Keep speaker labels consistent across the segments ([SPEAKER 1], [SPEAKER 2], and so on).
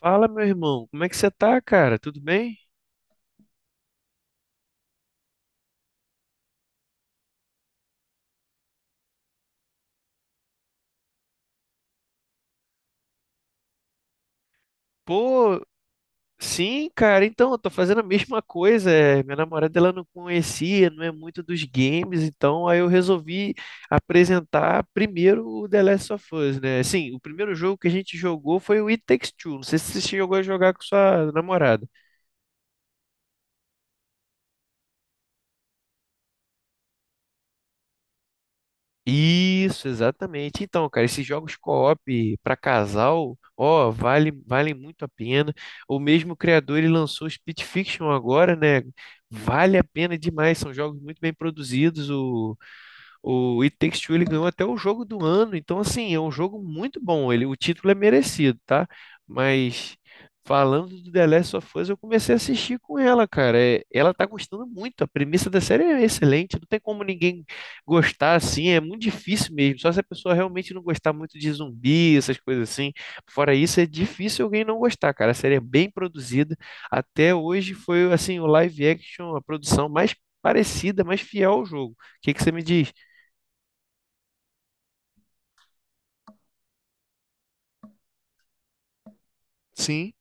[SPEAKER 1] Fala, meu irmão, como é que você tá, cara? Tudo bem? Pô, sim, cara, então, eu tô fazendo a mesma coisa. Minha namorada, ela não conhecia, não é muito dos games, então aí eu resolvi apresentar primeiro o The Last of Us, né? Assim, o primeiro jogo que a gente jogou foi o It Takes Two. Não sei se você chegou a jogar com sua namorada. Isso, exatamente. Então, cara, esses jogos co-op para casal, ó, valem muito a pena. O mesmo criador, ele lançou o Split Fiction agora, né? Vale a pena demais, são jogos muito bem produzidos. O It Takes Two ele ganhou até o jogo do ano, então assim, é um jogo muito bom. O título é merecido, tá? Mas falando do The Last of Us, eu comecei a assistir com ela, cara. É, ela tá gostando muito. A premissa da série é excelente, não tem como ninguém gostar assim, é muito difícil mesmo. Só se a pessoa realmente não gostar muito de zumbi, essas coisas assim. Fora isso, é difícil alguém não gostar, cara. A série é bem produzida. Até hoje foi assim, o live action, a produção mais parecida, mais fiel ao jogo. O que que você me diz? Sim,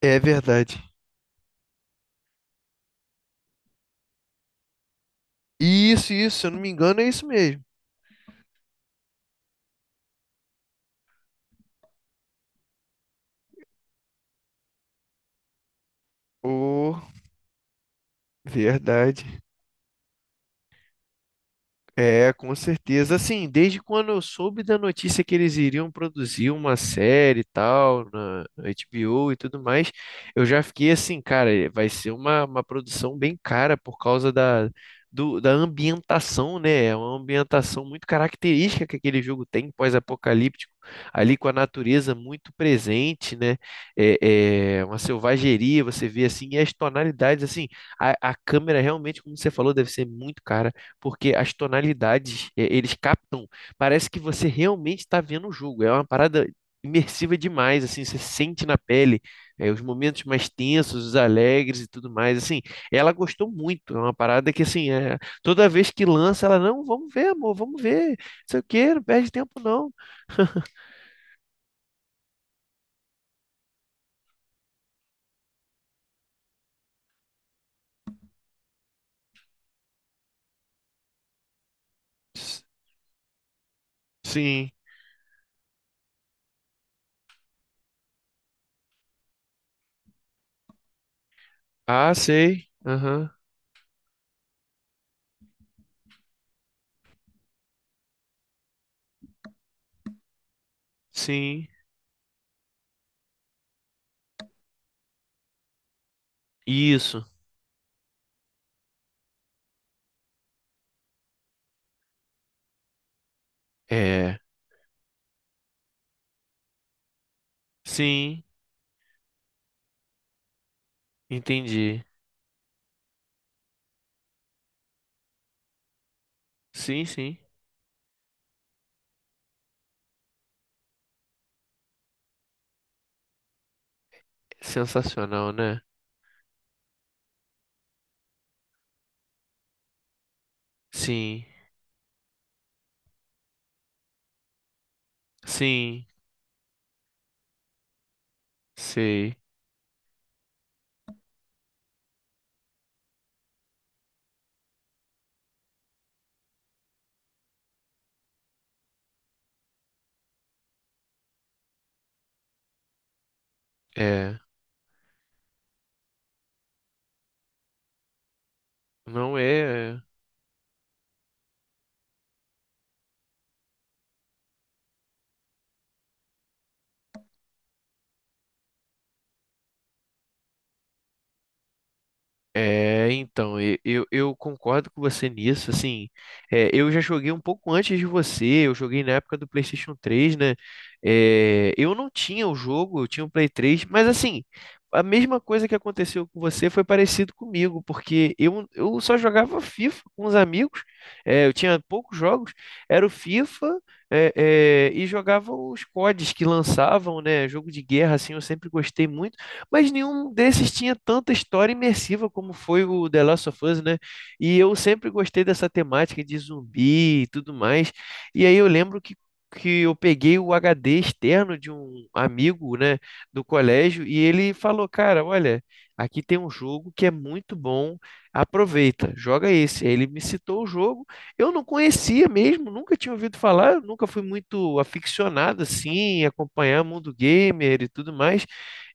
[SPEAKER 1] é verdade. Isso, se eu não me engano, é isso mesmo. Oh, verdade. É, com certeza. Assim, desde quando eu soube da notícia que eles iriam produzir uma série e tal, na HBO e tudo mais, eu já fiquei assim, cara, vai ser uma produção bem cara por causa da ambientação, né? É uma ambientação muito característica que aquele jogo tem, pós-apocalíptico, ali com a natureza muito presente, né? É uma selvageria, você vê assim, e as tonalidades, assim, a câmera realmente, como você falou, deve ser muito cara porque as tonalidades, eles captam, parece que você realmente está vendo o jogo. É uma parada imersiva demais, assim, você sente na pele, os momentos mais tensos, os alegres e tudo mais, assim. Ela gostou muito, é uma parada que, assim, toda vez que lança, ela, não, vamos ver, amor, vamos ver, não sei o quê, não perde tempo, não. S- Sim. Ah, sei. Aham. Sim. Isso. É. Sim. Entendi. Sim, sim. Sensacional, né? Sim. Sim, sei. É, não é. É. É, então, eu concordo com você nisso, assim, eu já joguei um pouco antes de você, eu joguei na época do PlayStation 3, né, eu não tinha o jogo, eu tinha o Play 3, mas assim, a mesma coisa que aconteceu com você foi parecido comigo, porque eu só jogava FIFA com os amigos, eu tinha poucos jogos, era o FIFA, e jogava os CODs que lançavam, né, jogo de guerra, assim, eu sempre gostei muito, mas nenhum desses tinha tanta história imersiva como foi o The Last of Us, né? E eu sempre gostei dessa temática de zumbi e tudo mais. E aí eu lembro que eu peguei o HD externo de um amigo, né, do colégio, e ele falou, cara, olha, aqui tem um jogo que é muito bom, aproveita, joga esse. Aí ele me citou o jogo, eu não conhecia mesmo, nunca tinha ouvido falar, eu nunca fui muito aficionado assim, em acompanhar mundo gamer e tudo mais.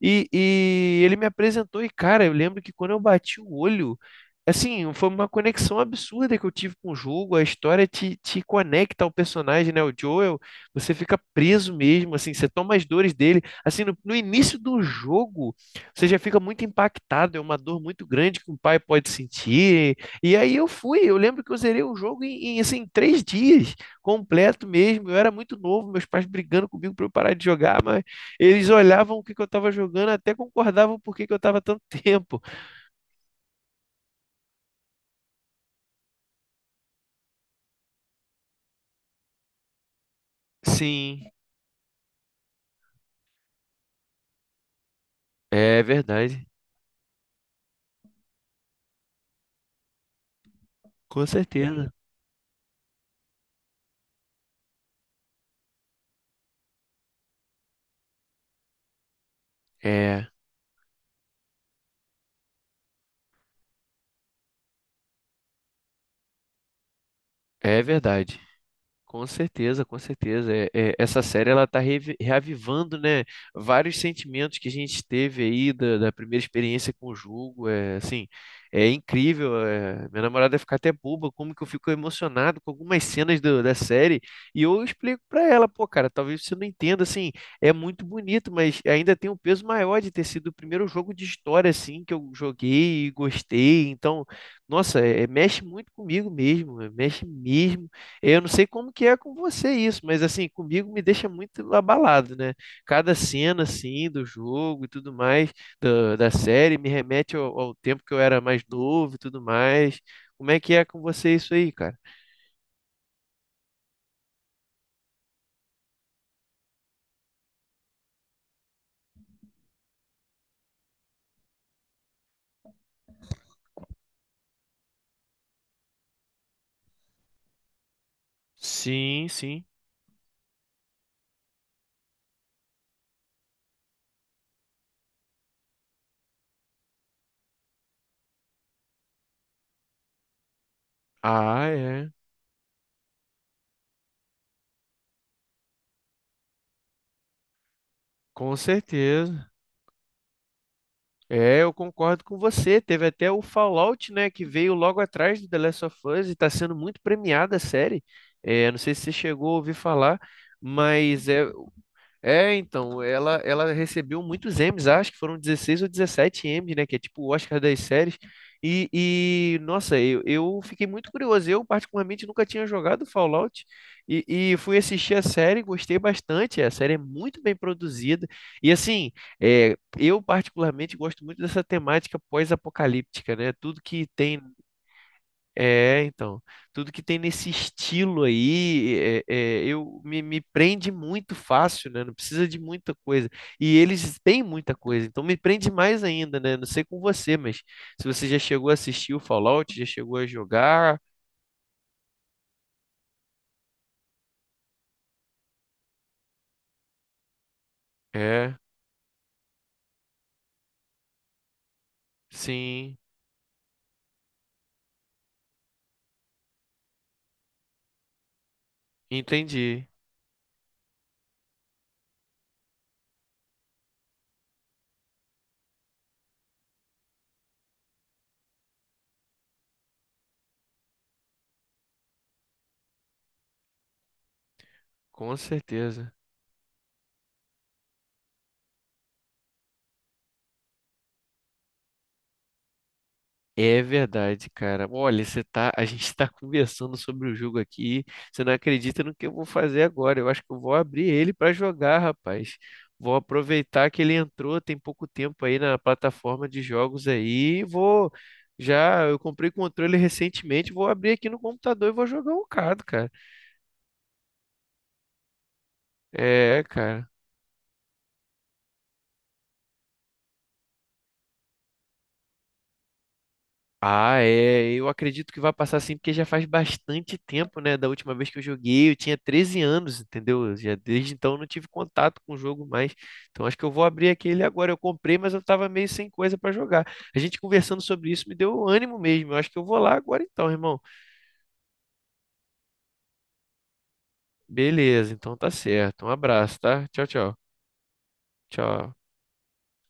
[SPEAKER 1] E ele me apresentou, e cara, eu lembro que quando eu bati o olho, assim, foi uma conexão absurda que eu tive com o jogo. A história te conecta ao personagem, né? O Joel, você fica preso mesmo, assim, você toma as dores dele. Assim, no início do jogo, você já fica muito impactado, é uma dor muito grande que um pai pode sentir. E aí eu lembro que eu zerei o jogo em, assim, 3 dias, completo mesmo. Eu era muito novo, meus pais brigando comigo para eu parar de jogar, mas. Eles olhavam o que que eu tava jogando, até concordavam por que que eu tava tanto tempo. Sim, é verdade. Com certeza. É, é verdade. Com certeza, com certeza. Essa série ela está reavivando, né, vários sentimentos que a gente teve aí da primeira experiência com o jogo. É assim, é incrível. Minha namorada vai ficar até boba como que eu fico emocionado com algumas cenas da série. E eu explico para ela, pô, cara, talvez você não entenda, assim, é muito bonito, mas ainda tem um peso maior de ter sido o primeiro jogo de história assim que eu joguei e gostei. Então, nossa, mexe muito comigo mesmo, mexe mesmo. Eu não sei como que é com você isso, mas assim, comigo me deixa muito abalado, né? Cada cena, assim, do jogo e tudo mais, da série, me remete ao tempo que eu era mais novo e tudo mais. Como é que é com você isso aí, cara? Sim, sim. Ah, é. Com certeza. É, eu concordo com você. Teve até o Fallout, né, que veio logo atrás do The Last of Us e tá sendo muito premiada a série. É, não sei se você chegou a ouvir falar, mas É, então, ela recebeu muitos Emmys, acho que foram 16 ou 17 Emmys, né? Que é tipo o Oscar das séries. Nossa, eu fiquei muito curioso. Eu, particularmente, nunca tinha jogado Fallout e, e fui assistir a série, gostei bastante. A série é muito bem produzida. E, assim, eu, particularmente, gosto muito dessa temática pós-apocalíptica, né? É, então, tudo que tem nesse estilo aí, eu me prende muito fácil, né? Não precisa de muita coisa. E eles têm muita coisa, então me prende mais ainda, né? Não sei com você, mas se você já chegou a assistir o Fallout, já chegou a jogar, é, sim, entendi, com certeza. É verdade, cara. Olha, a gente está conversando sobre o jogo aqui. Você não acredita no que eu vou fazer agora. Eu acho que eu vou abrir ele para jogar, rapaz. Vou aproveitar que ele entrou tem pouco tempo aí na plataforma de jogos aí. Eu comprei o controle recentemente. Vou abrir aqui no computador e vou jogar um bocado, cara. É, cara. Ah, é. Eu acredito que vai passar assim, porque já faz bastante tempo, né? Da última vez que eu joguei, eu tinha 13 anos, entendeu? Já desde então eu não tive contato com o jogo mais. Então acho que eu vou abrir aquele agora. Eu comprei, mas eu tava meio sem coisa pra jogar. A gente conversando sobre isso me deu ânimo mesmo. Eu acho que eu vou lá agora então, irmão. Beleza, então tá certo. Um abraço, tá? Tchau, tchau. Tchau.